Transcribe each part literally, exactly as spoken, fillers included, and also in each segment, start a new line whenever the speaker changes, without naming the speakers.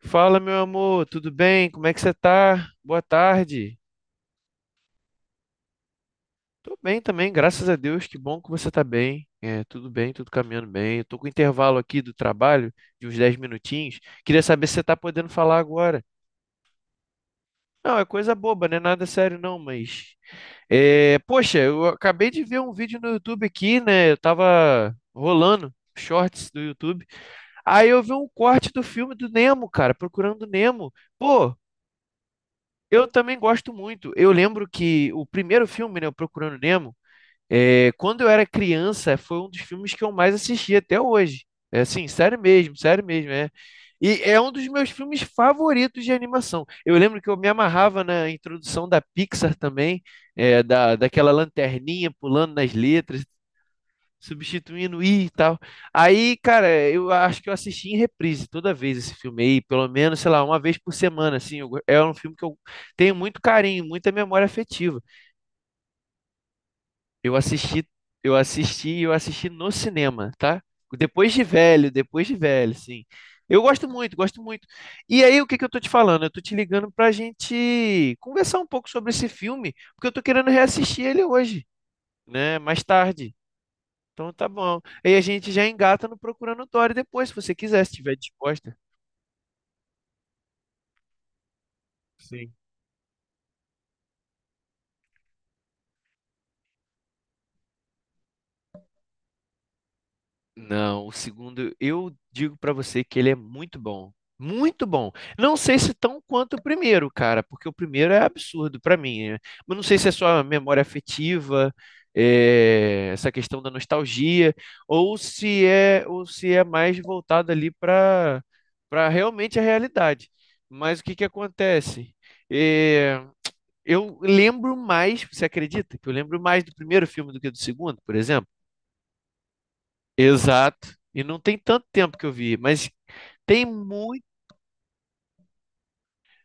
Fala, meu amor, tudo bem? Como é que você tá? Boa tarde. Tô bem também, graças a Deus. Que bom que você tá bem. É, tudo bem, tudo caminhando bem. Eu tô com intervalo aqui do trabalho de uns dez minutinhos. Queria saber se você tá podendo falar agora. Não, é coisa boba, né? Nada sério não, mas é, poxa, eu acabei de ver um vídeo no YouTube aqui, né? Eu tava rolando shorts do YouTube. Aí eu vi um corte do filme do Nemo, cara, Procurando Nemo. Pô, eu também gosto muito. Eu lembro que o primeiro filme, né, o Procurando Nemo, é, quando eu era criança, foi um dos filmes que eu mais assisti até hoje. É assim, sério mesmo, sério mesmo, é. E é um dos meus filmes favoritos de animação. Eu lembro que eu me amarrava na introdução da Pixar também, é, da, daquela lanterninha pulando nas letras e substituindo e tal. Aí, cara, eu acho que eu assisti em reprise toda vez esse filme aí, pelo menos, sei lá, uma vez por semana, assim. Eu go- é um filme que eu tenho muito carinho, muita memória afetiva. Eu assisti, eu assisti, eu assisti no cinema, tá? Depois de velho, depois de velho, sim. Eu gosto muito, gosto muito. E aí, o que que eu tô te falando? Eu tô te ligando pra gente conversar um pouco sobre esse filme, porque eu tô querendo reassistir ele hoje, né? Mais tarde. Então tá bom. E a gente já engata no Procurando Dory depois, se você quiser, se estiver disposta. Sim. Não, o segundo, eu digo pra você que ele é muito bom. Muito bom. Não sei se tão quanto o primeiro, cara, porque o primeiro é absurdo pra mim. Né? Mas não sei se é só a memória afetiva, é, essa questão da nostalgia, ou se é, ou se é mais voltado ali para para realmente a realidade. Mas o que que acontece? É, eu lembro mais, você acredita que eu lembro mais do primeiro filme do que do segundo, por exemplo? Exato. E não tem tanto tempo que eu vi, mas tem muito.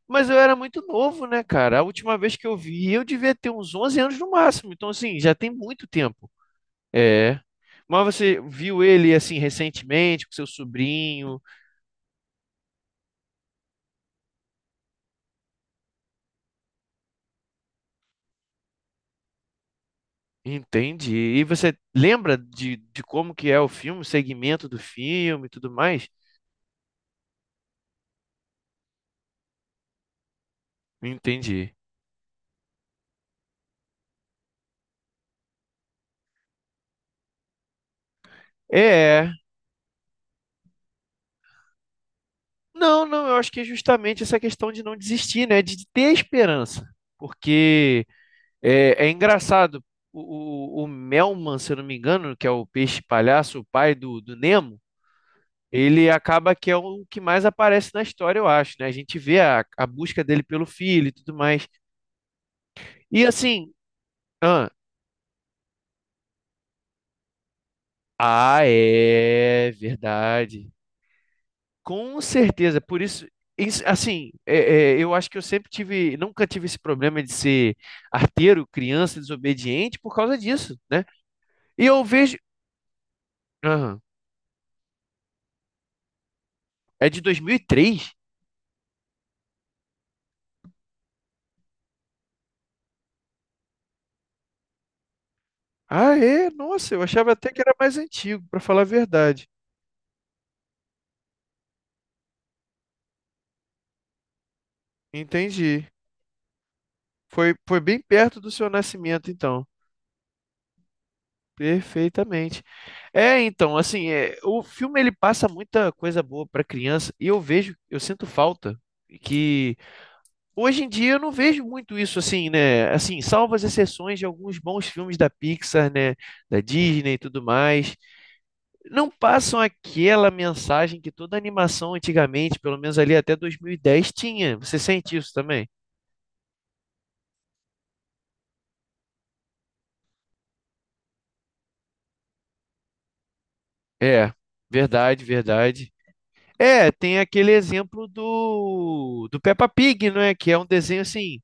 Mas eu era muito novo, né, cara? A última vez que eu vi, eu devia ter uns onze anos no máximo. Então, assim, já tem muito tempo. É. Mas você viu ele, assim, recentemente, com seu sobrinho? Entendi. E você lembra de, de como que é o filme, o segmento do filme e tudo mais? Entendi. É, não, não, eu acho que é justamente essa questão de não desistir, né? De ter esperança. Porque é, é engraçado, o, o, o Melman, se eu não me engano, que é o peixe palhaço, o pai do, do Nemo, ele acaba que é o que mais aparece na história, eu acho, né? A gente vê a, a busca dele pelo filho e tudo mais. E assim, ah, ah, é verdade. Com certeza, por isso, isso- assim, é- é, eu acho que eu sempre tive, nunca tive esse problema de ser arteiro, criança, desobediente por causa disso, né? E eu vejo, aham. É de dois mil e três. Ah, é? Nossa, eu achava até que era mais antigo, para falar a verdade. Entendi. Foi, foi bem perto do seu nascimento, então. Perfeitamente. É, então, assim, é, o filme ele passa muita coisa boa para criança e eu vejo, eu sinto falta que hoje em dia eu não vejo muito isso assim, né? Assim, salvo as exceções de alguns bons filmes da Pixar, né? Da Disney e tudo mais, não passam aquela mensagem que toda animação antigamente, pelo menos ali até dois mil e dez, tinha. Você sente isso também? É, verdade, verdade. É, tem aquele exemplo do, do Peppa Pig, não é? Que é um desenho assim,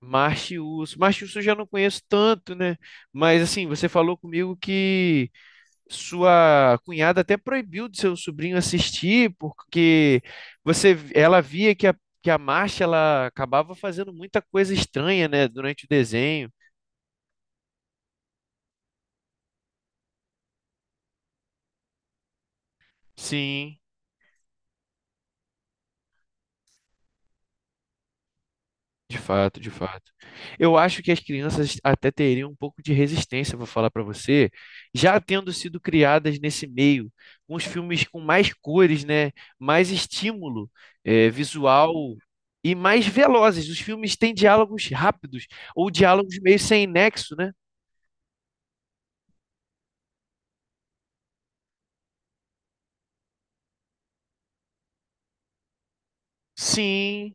Marte e Urso. Marte e Urso eu já não conheço tanto, né? Mas assim, você falou comigo que sua cunhada até proibiu do seu sobrinho assistir, porque você, ela via que a, que a Marcia ela acabava fazendo muita coisa estranha, né, durante o desenho. Sim. De fato, de fato. Eu acho que as crianças até teriam um pouco de resistência, vou falar para você, já tendo sido criadas nesse meio, com os filmes com mais cores, né? Mais estímulo, eh, visual e mais velozes. Os filmes têm diálogos rápidos ou diálogos meio sem nexo, né? Sim,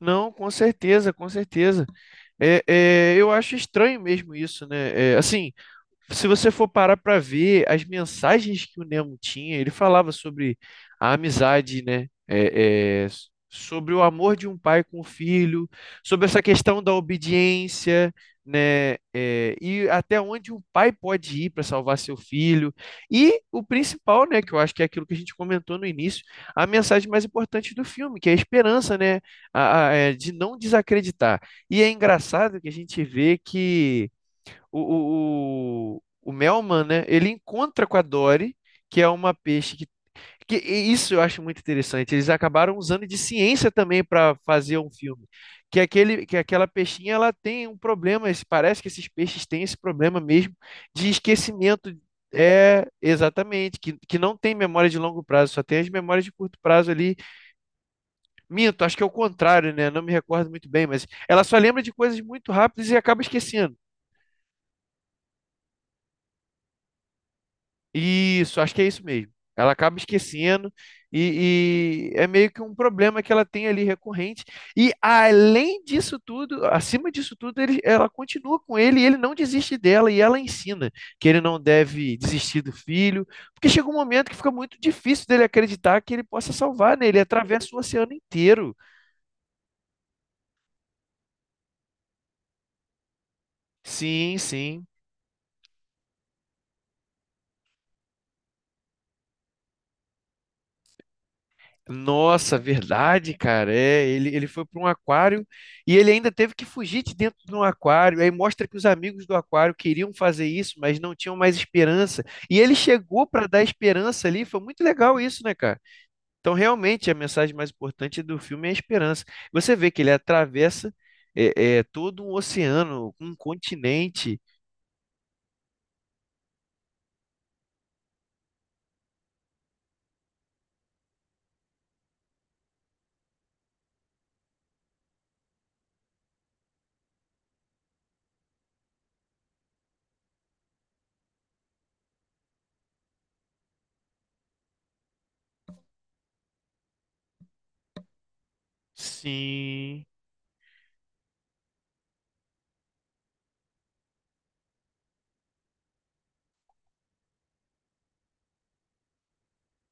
não, com certeza, com certeza. É, é, eu acho estranho mesmo isso, né? É, assim. Se você for parar para ver as mensagens que o Nemo tinha, ele falava sobre a amizade, né? É, é, s- sobre o amor de um pai com o filho, sobre essa questão da obediência, né? É, e até onde um pai pode ir para salvar seu filho. E o principal, né? Que eu acho que é aquilo que a gente comentou no início, a mensagem mais importante do filme, que é a esperança, né? A- a- é, de não desacreditar. E é engraçado que a gente vê que o, o, o, o Melman, né? Ele encontra com a Dory, que é uma peixe que, que e isso eu acho muito interessante. Eles acabaram usando de ciência também para fazer um filme. Que aquele, que aquela peixinha ela tem um problema. esse- Parece que esses peixes têm esse problema mesmo de esquecimento. É, exatamente, que, que não tem memória de longo prazo, só tem as memórias de curto prazo ali. Minto, acho que é o contrário, né? Não me recordo muito bem, mas ela só lembra de coisas muito rápidas e acaba esquecendo. Isso, acho que é isso mesmo. Ela acaba esquecendo e, e é meio que um problema que ela tem ali recorrente. E além disso tudo, acima disso tudo, ele- ela continua com ele e ele não desiste dela e ela ensina que ele não deve desistir do filho, porque chega um momento que fica muito difícil dele acreditar que ele possa salvar, né? Ele atravessa o oceano inteiro. Sim, sim. Nossa, verdade, cara. É, ele, ele foi para um aquário e ele ainda teve que fugir de dentro de um aquário. Aí mostra que os amigos do aquário queriam fazer isso, mas não tinham mais esperança. E ele chegou para dar esperança ali. Foi muito legal isso, né, cara? Então, realmente, a mensagem mais importante do filme é a esperança. Você vê que ele atravessa é, é, todo um oceano, um continente. Sim.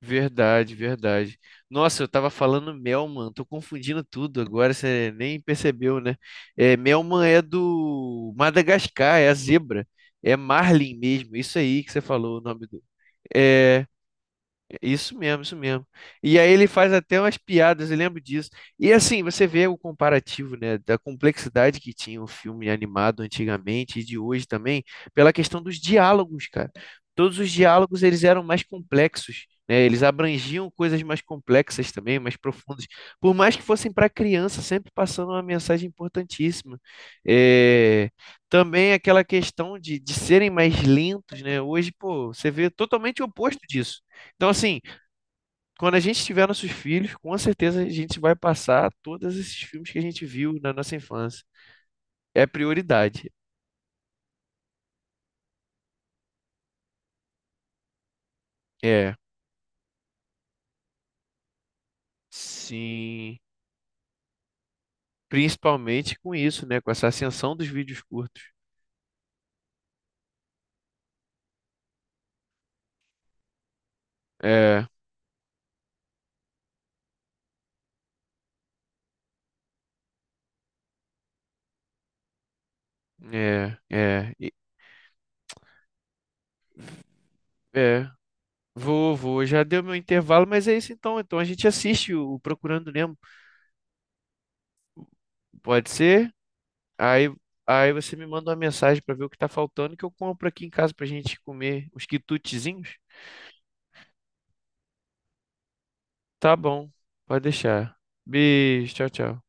Verdade, verdade. Nossa, eu tava falando Melman, tô confundindo tudo agora, você nem percebeu, né? É, Melman é do Madagascar, é a zebra, é Marlin mesmo, isso aí que você falou o nome do. É, isso mesmo, isso mesmo. E aí ele faz até umas piadas, eu lembro disso. E assim, você vê o comparativo, né, da complexidade que tinha o filme animado antigamente e de hoje também, pela questão dos diálogos, cara. Todos os diálogos eles eram mais complexos, né? Eles abrangiam coisas mais complexas também, mais profundas. Por mais que fossem para criança, sempre passando uma mensagem importantíssima. É... Também aquela questão de, de serem mais lentos, né? Hoje, pô, você vê totalmente o oposto disso. Então, assim, quando a gente tiver nossos filhos, com certeza a gente vai passar todos esses filmes que a gente viu na nossa infância. É prioridade. É, sim. Principalmente com isso, né? Com essa ascensão dos vídeos curtos. É, é, é, e- é. Vou, vou. Já deu meu intervalo, mas é isso então. Então a gente assiste o Procurando Nemo. Pode ser? Aí, aí você me manda uma mensagem para ver o que tá faltando que eu compro aqui em casa pra gente comer uns quitutezinhos. Tá bom, pode deixar. Beijo, tchau, tchau.